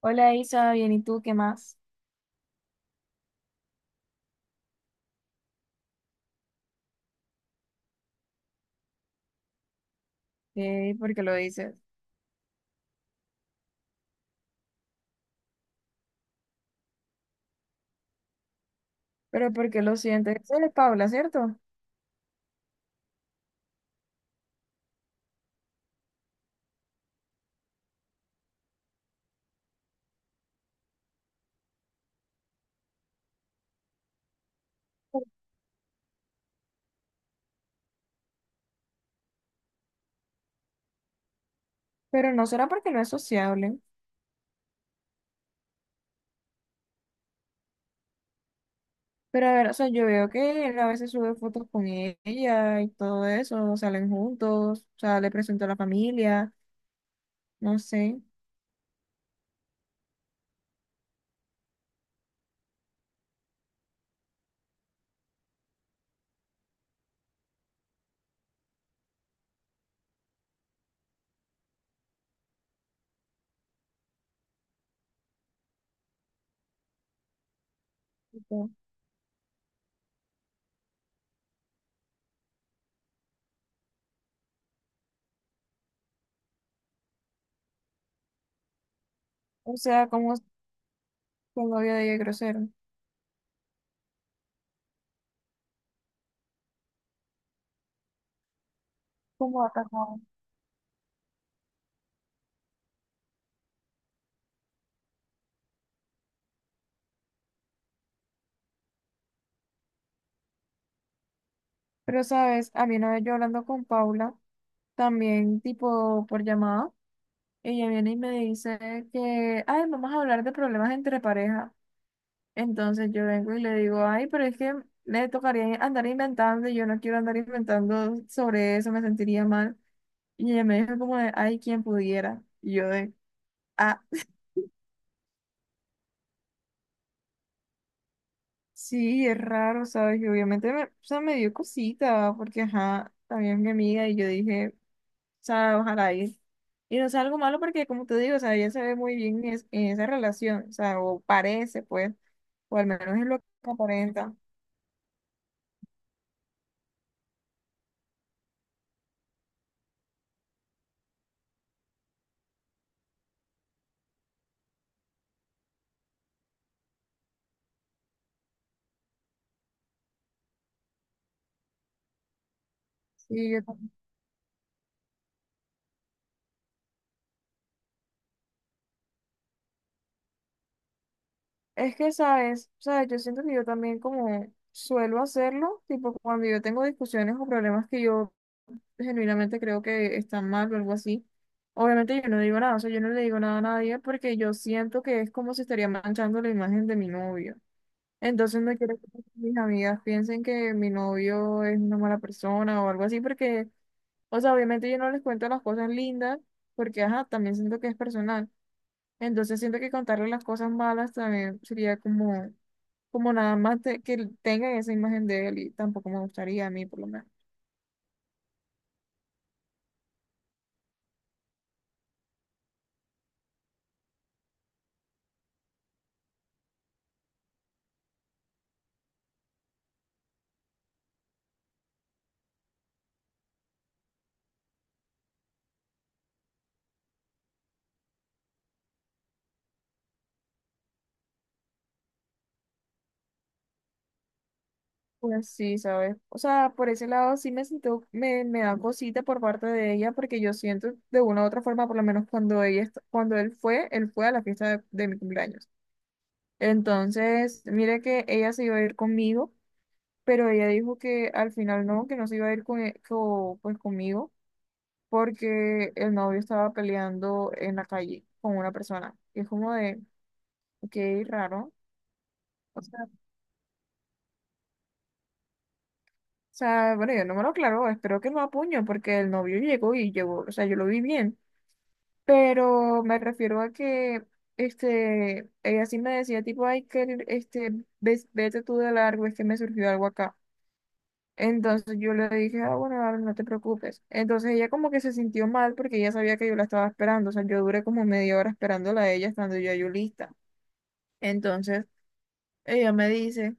Hola Isa, bien, ¿y tú qué más? ¿Por qué lo dices? Pero ¿por qué lo sientes? Él es Paula, ¿cierto? Pero ¿no será porque no es sociable? Pero a ver, o sea, yo veo que él a veces sube fotos con ella y todo eso, salen juntos, o sea, le presento a la familia, no sé. Tipo, o sea, como el novio de ella es grosero, como atacado. Pero sabes, a mí una vez yo hablando con Paula, también tipo por llamada, ella viene y me dice que, ay, vamos a hablar de problemas entre parejas. Entonces yo vengo y le digo, ay, pero es que me tocaría andar inventando y yo no quiero andar inventando sobre eso, me sentiría mal. Y ella me dijo como de, ay, quien pudiera. Y yo de, ah, sí, es raro, ¿sabes? Y obviamente me, o sea, me dio cosita, porque ajá, también es mi amiga y yo dije, o sea, ojalá ir. Y no sea algo malo porque, como te digo, o sea, ella se ve muy bien en, es- en esa relación, o sea, o parece, pues, o al menos es lo que aparenta. Sí, yo. Es que, ¿sabes? ¿Sabes? Yo siento que yo también como suelo hacerlo, tipo cuando yo tengo discusiones o problemas que yo genuinamente creo que están mal o algo así, obviamente yo no digo nada, o sea, yo no le digo nada a nadie porque yo siento que es como si estaría manchando la imagen de mi novio. Entonces no quiero que mis amigas piensen que mi novio es una mala persona o algo así porque, o sea, obviamente yo no les cuento las cosas lindas porque, ajá, también siento que es personal. Entonces siento que contarle las cosas malas también sería como como nada más de- que él tenga esa imagen de él y tampoco me gustaría a mí por lo menos. Pues sí, ¿sabes? O sea, por ese lado sí me siento, me da cosita por parte de ella porque yo siento de una u otra forma, por lo menos cuando ella, est- cuando él fue a la fiesta de mi cumpleaños. Entonces, mire que ella se iba a ir conmigo, pero ella dijo que al final no, que no se iba a ir con, e- co- pues conmigo porque el novio estaba peleando en la calle con una persona. Y es como de, qué raro. O sea, bueno, yo no me lo aclaró, espero que no a puño, porque el novio llegó y llegó, o sea, yo lo vi bien, pero me refiero a que, este, ella sí me decía, tipo, ay, que, este, ves- vete tú de largo, es que me surgió algo acá. Entonces yo le dije, ah, bueno, Aaron, no te preocupes. Entonces ella como que se sintió mal porque ella sabía que yo la estaba esperando, o sea, yo duré como media hora esperándola a ella, estando ya yo lista. Entonces ella me dice...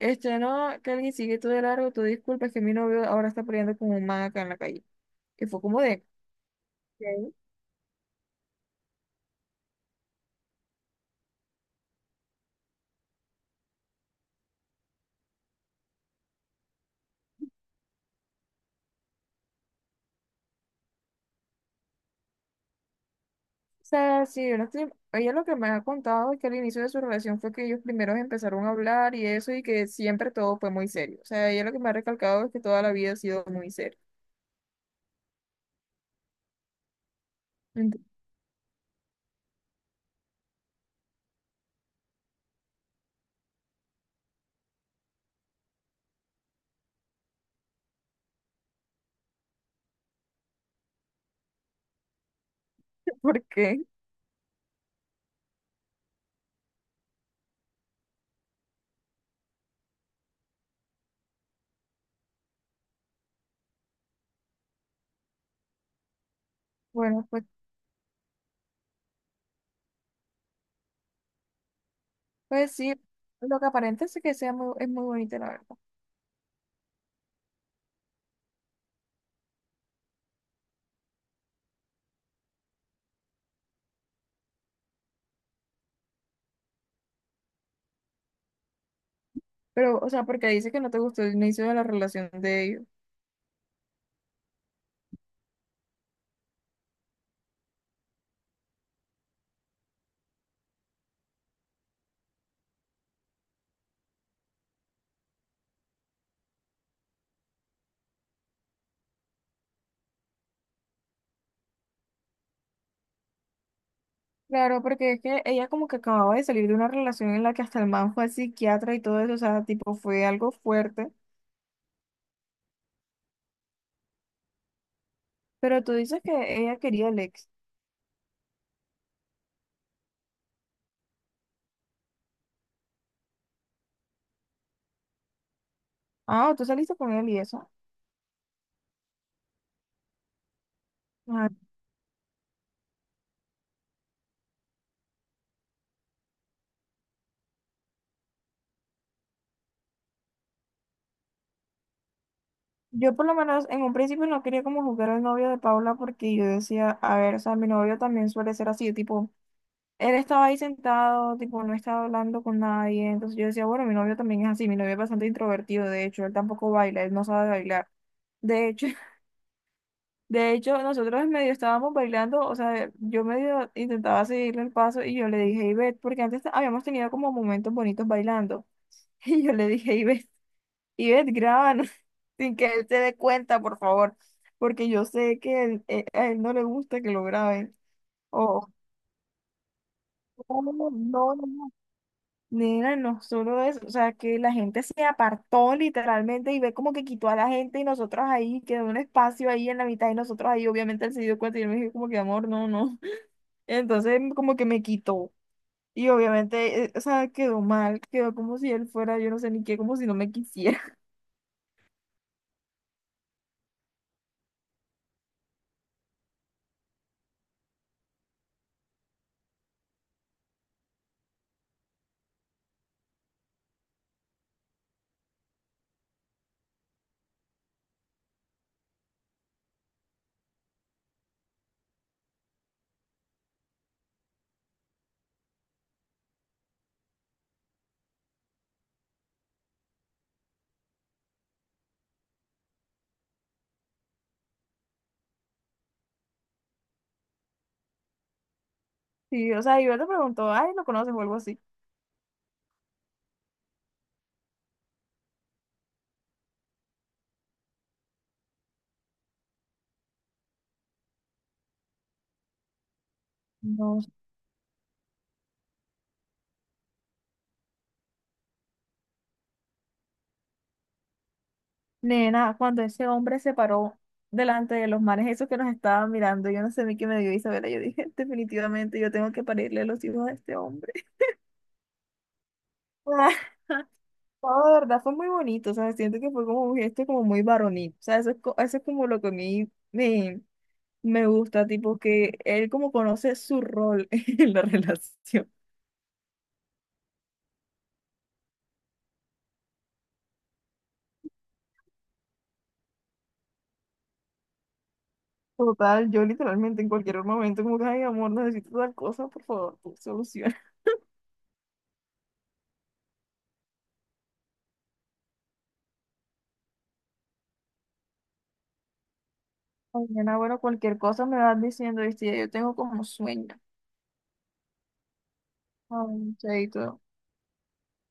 Este, no, que alguien sigue tú de largo, tú disculpas que mi novio ahora está peleando con un man acá en la calle. Y fue como de, ok. O sea, sí, yo no estoy- ella lo que me ha contado es que al inicio de su relación fue que ellos primero empezaron a hablar y eso, y que siempre todo fue muy serio. O sea, ella lo que me ha recalcado es que toda la vida ha sido muy serio. Entonces, ¿por qué? Bueno, pues, pues sí, lo que aparenta es que sea muy, es muy bonita, la verdad. Pero, o sea, ¿porque dice que no te gustó el inicio de la relación de ellos? Claro, porque es que ella como que acababa de salir de una relación en la que hasta el man fue al psiquiatra y todo eso, o sea, tipo, fue algo fuerte. Pero ¿tú dices que ella quería el ex? Ah, ¿tú saliste con él y eso? Ah, yo por lo menos en un principio no quería como juzgar al novio de Paula porque yo decía, a ver, o sea, mi novio también suele ser así, tipo, él estaba ahí sentado, tipo, no estaba hablando con nadie. Entonces yo decía, bueno, mi novio también es así, mi novio es bastante introvertido, de hecho, él tampoco baila, él no sabe bailar. De hecho, de hecho, nosotros medio estábamos bailando, o sea, yo medio intentaba seguirle el paso y yo le dije, Ivette, porque antes habíamos tenido como momentos bonitos bailando. Y yo le dije, Ivette, Ivette, grábanos, sin que él se dé cuenta, por favor, porque yo sé que él- a él no le gusta que lo graben. O, "Oh, no, no, no". No. Nena, no solo eso, o sea, que la gente se apartó literalmente y ve como que quitó a la gente y nosotros ahí, quedó un espacio ahí en la mitad y nosotros ahí, obviamente él se dio cuenta y yo me dije como que amor, no, no. Entonces como que me quitó. Y obviamente, o sea, quedó mal, quedó como si él fuera, yo no sé ni qué, como si no me quisiera. Sí, o sea, yo le preguntó, ay, ¿lo conoces o algo así? No, nena, cuando ese hombre se paró delante de los manes, esos que nos estaban mirando, yo no sé ni qué me dio Isabela, yo dije, definitivamente yo tengo que parirle los hijos a este hombre. No, de verdad fue muy bonito, o sea, siento que fue como un gesto como muy varonil, o sea, eso es, co- eso es como lo que a mí me, me gusta, tipo, que él como conoce su rol en la relación. Total, yo literalmente en cualquier momento, como que, ay, amor, necesito tal cosa, por favor, tú soluciona. Mañana, bueno, cualquier cosa me vas diciendo, ¿viste? Ya yo tengo como sueño. Ay, chaito.